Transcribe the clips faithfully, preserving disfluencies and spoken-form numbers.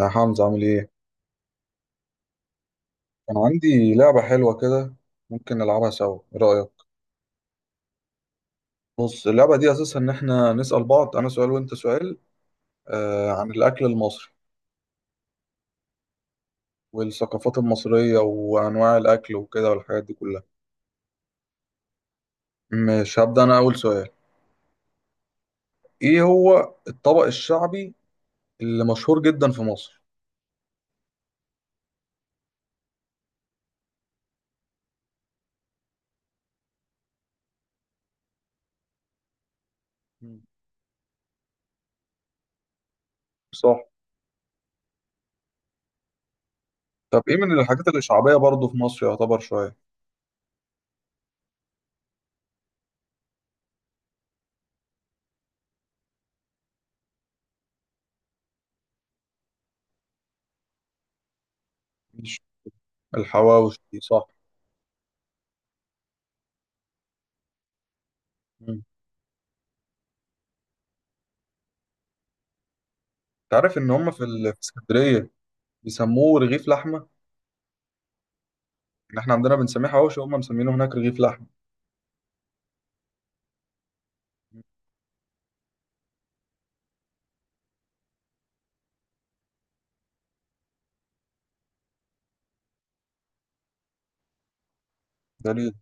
يا حمزة عامل ايه؟ كان عندي لعبة حلوة كده، ممكن نلعبها سوا، ايه رأيك؟ بص اللعبة دي أساسها إن احنا نسأل بعض، أنا سؤال وأنت سؤال، آه عن الأكل المصري والثقافات المصرية وأنواع الأكل وكده والحاجات دي كلها. مش هبدأ أنا أول سؤال. ايه هو الطبق الشعبي اللي مشهور جدا في مصر؟ مم. صح. طب ايه من الحاجات اللي شعبية برضه في مصر يعتبر شوية؟ ماشي. الحواوشي صح. مم. تعرف إن هما في ال- في اسكندرية بيسموه رغيف لحمة؟ إن إحنا عندنا بنسميه حواوشي وهم مسمينه هناك رغيف لحمة. دليل.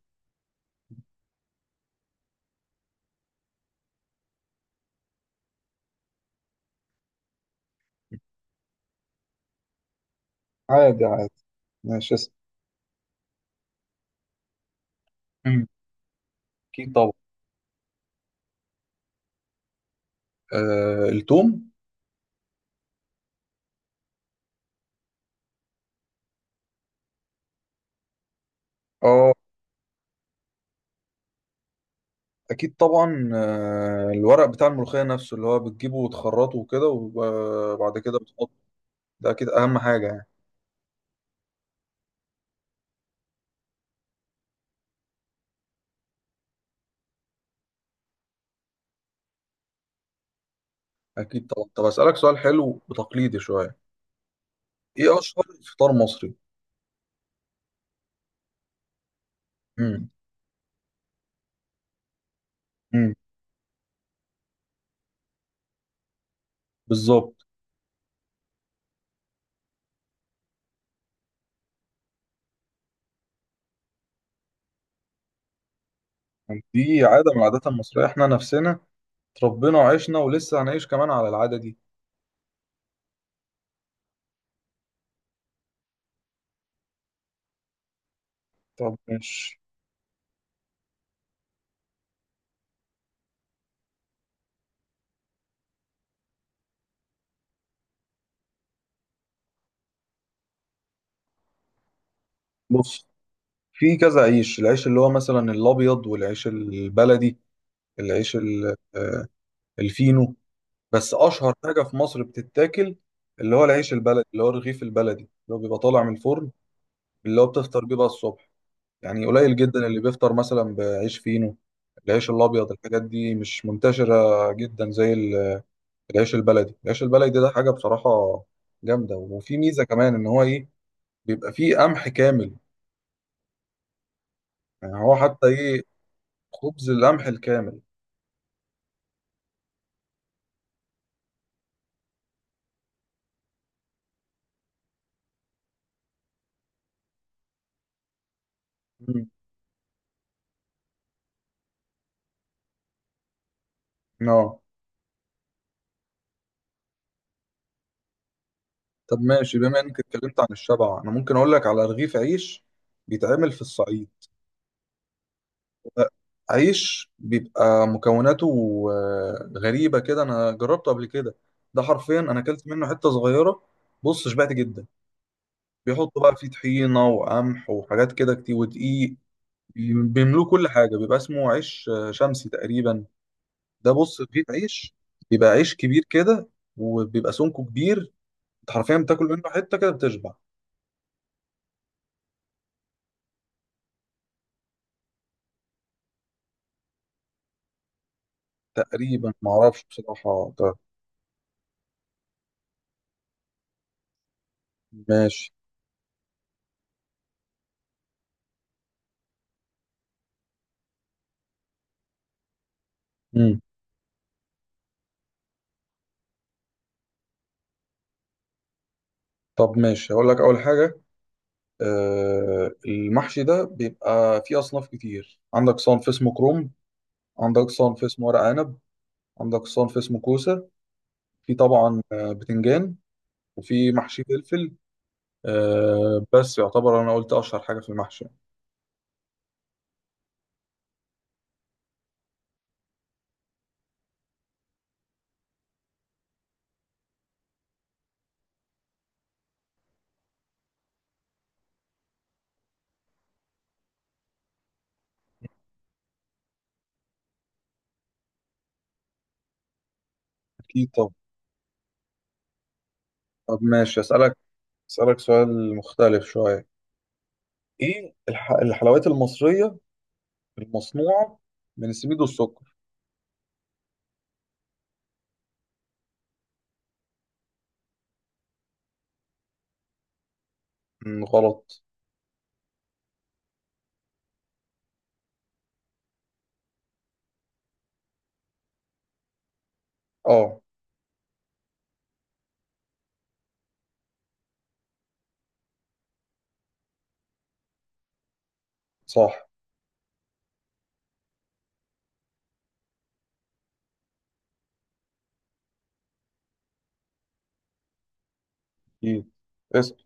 عادي عادي. ماشي اسم. مم. أكيد طبعا. آه التوم. اه أكيد طبعا. آه الورق بتاع الملوخية نفسه اللي هو بتجيبه وتخرطه وكده وبعد كده بتحطه، ده أكيد أهم حاجة يعني. أكيد طبعا. طب أسألك سؤال حلو وتقليدي شوية. إيه أشهر فطار مصري؟ مم. مم. بالظبط. دي عادة من العادات المصرية، إحنا نفسنا اتربينا وعشنا ولسه هنعيش كمان على العادة دي. طب ماشي. بص في كذا عيش، العيش اللي هو مثلا الابيض والعيش البلدي، العيش ال- آه، الفينو. بس اشهر حاجه في مصر بتتاكل اللي هو العيش البلدي، اللي هو الرغيف البلدي اللي هو بيبقى طالع من الفرن، اللي هو بتفطر بيه بقى الصبح. يعني قليل جدا اللي بيفطر مثلا بعيش فينو. العيش الابيض الحاجات دي مش منتشره جدا زي ال- العيش البلدي. العيش البلدي ده حاجه بصراحه جامده، وفي ميزه كمان ان هو ايه، بيبقى فيه قمح كامل. يعني هو حتى ايه، خبز القمح الكامل. مم. اه. طب ماشي، بما انك اتكلمت عن الشبع انا ممكن اقول لك على رغيف عيش بيتعمل في الصعيد. عيش بيبقى مكوناته آه، غريبة كده، انا جربته قبل كده. ده حرفيا انا اكلت منه حتة صغيرة، بص شبعت جدا. بيحطوا بقى فيه طحينة وقمح وحاجات كده كتير ودقيق، بيملوه كل حاجة. بيبقى اسمه عيش آه، شمسي تقريبا. ده بص رغيف عيش، بيبقى عيش كبير كده وبيبقى سمكه كبير. انت حرفيا بتاكل منه حتة كده بتشبع. تقريبا ما اعرفش بصراحه ده. ماشي. مم. طب ماشي هقول لك اول حاجه. آه المحشي ده بيبقى فيه اصناف كتير. عندك صنف اسمه كروم، عندك صنف اسمه ورق عنب، عندك صنف اسمه كوسه، في طبعا آه، بتنجان، وفي محشي فلفل. آه بس يعتبر انا قلت اشهر حاجه في المحشي. اكيد. طب طب ماشي، اسالك اسالك سؤال مختلف شويه. ايه الح... الحلويات المصريه المصنوعه من السميد والسكر. مم، غلط. اه صح. اكيد. اسأل.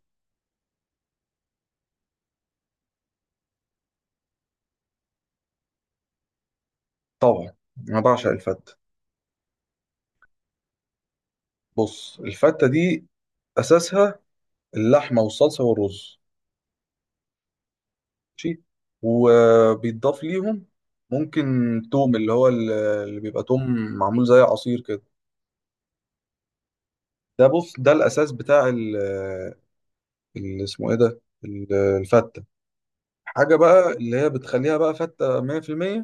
طبعا انا بعشق الفته. بص الفته دي اساسها اللحمه والصلصه والرز. ماشي، وبيتضاف ليهم ممكن توم، اللي هو ال- اللي بيبقى توم معمول زي عصير كده. ده بص ده الاساس بتاع ال- اللي اسمه ايه ده ال- الفته. حاجه بقى اللي هي بتخليها بقى فته مية في المية،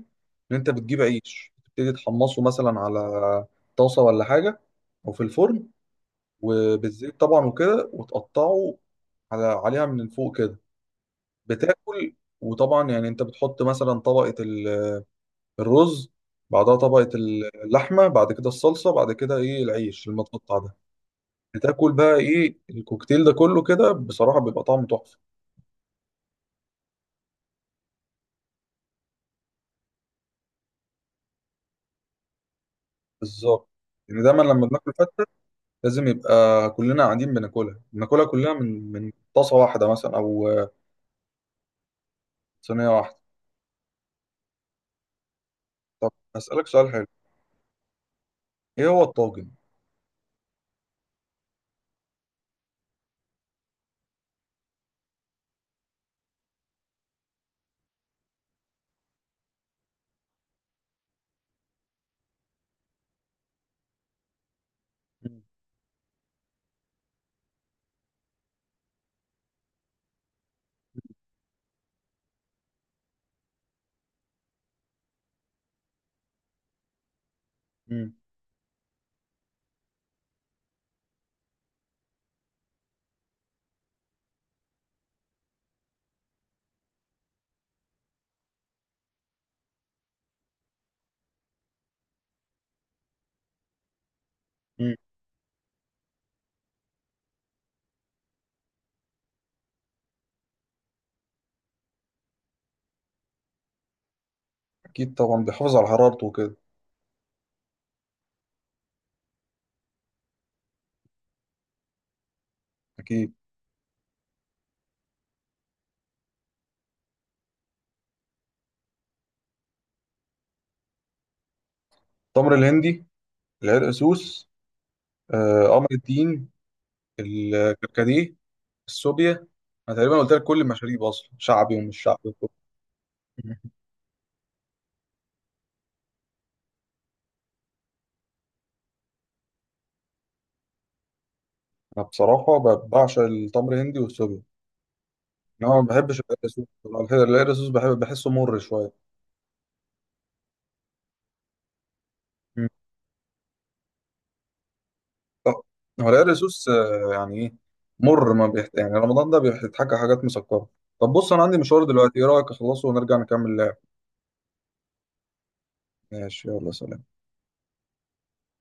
ان انت بتجيب عيش تبتدي تحمصه مثلا على طاسه ولا حاجه او في الفرن وبالزيت طبعا وكده وتقطعه على عليها من فوق كده بتاكل. وطبعا يعني انت بتحط مثلا طبقة ال- الرز، بعدها طبقة اللحمة، بعد كده الصلصة، بعد كده ايه العيش المتقطع ده. بتاكل بقى ايه الكوكتيل ده كله كده بصراحة بيبقى طعمه تحفة. بالظبط. يعني دايما لما بناكل فتة لازم يبقى كلنا قاعدين بناكلها بناكلها كلها من من طاسة واحدة مثلا أو صينية واحدة. طب أسألك سؤال حلو. إيه هو الطاجن؟ مم. مم. اكيد طبعا بيحافظ على حرارته وكده. اكيد. التمر الهندي، العرق سوس، آه، قمر الدين، الكركديه، السوبيا. انا تقريبا قلت لك كل المشاريب اصلا، شعبي ومش شعبي وكله. انا بصراحه ب- بعشق التمر الهندي والسوبيا. انا ما بحبش العرق السوس بصراحة. العرق السوس بحب بحسه مر شويه. مم. طب، هو العرق سوس آه، يعني ايه، مر ما بيحت... يعني رمضان ده بيحتاج حاجات مسكره. طب بص انا عندي مشوار دلوقتي، ايه رايك اخلصه ونرجع نكمل لعب. ماشي، يلا سلام.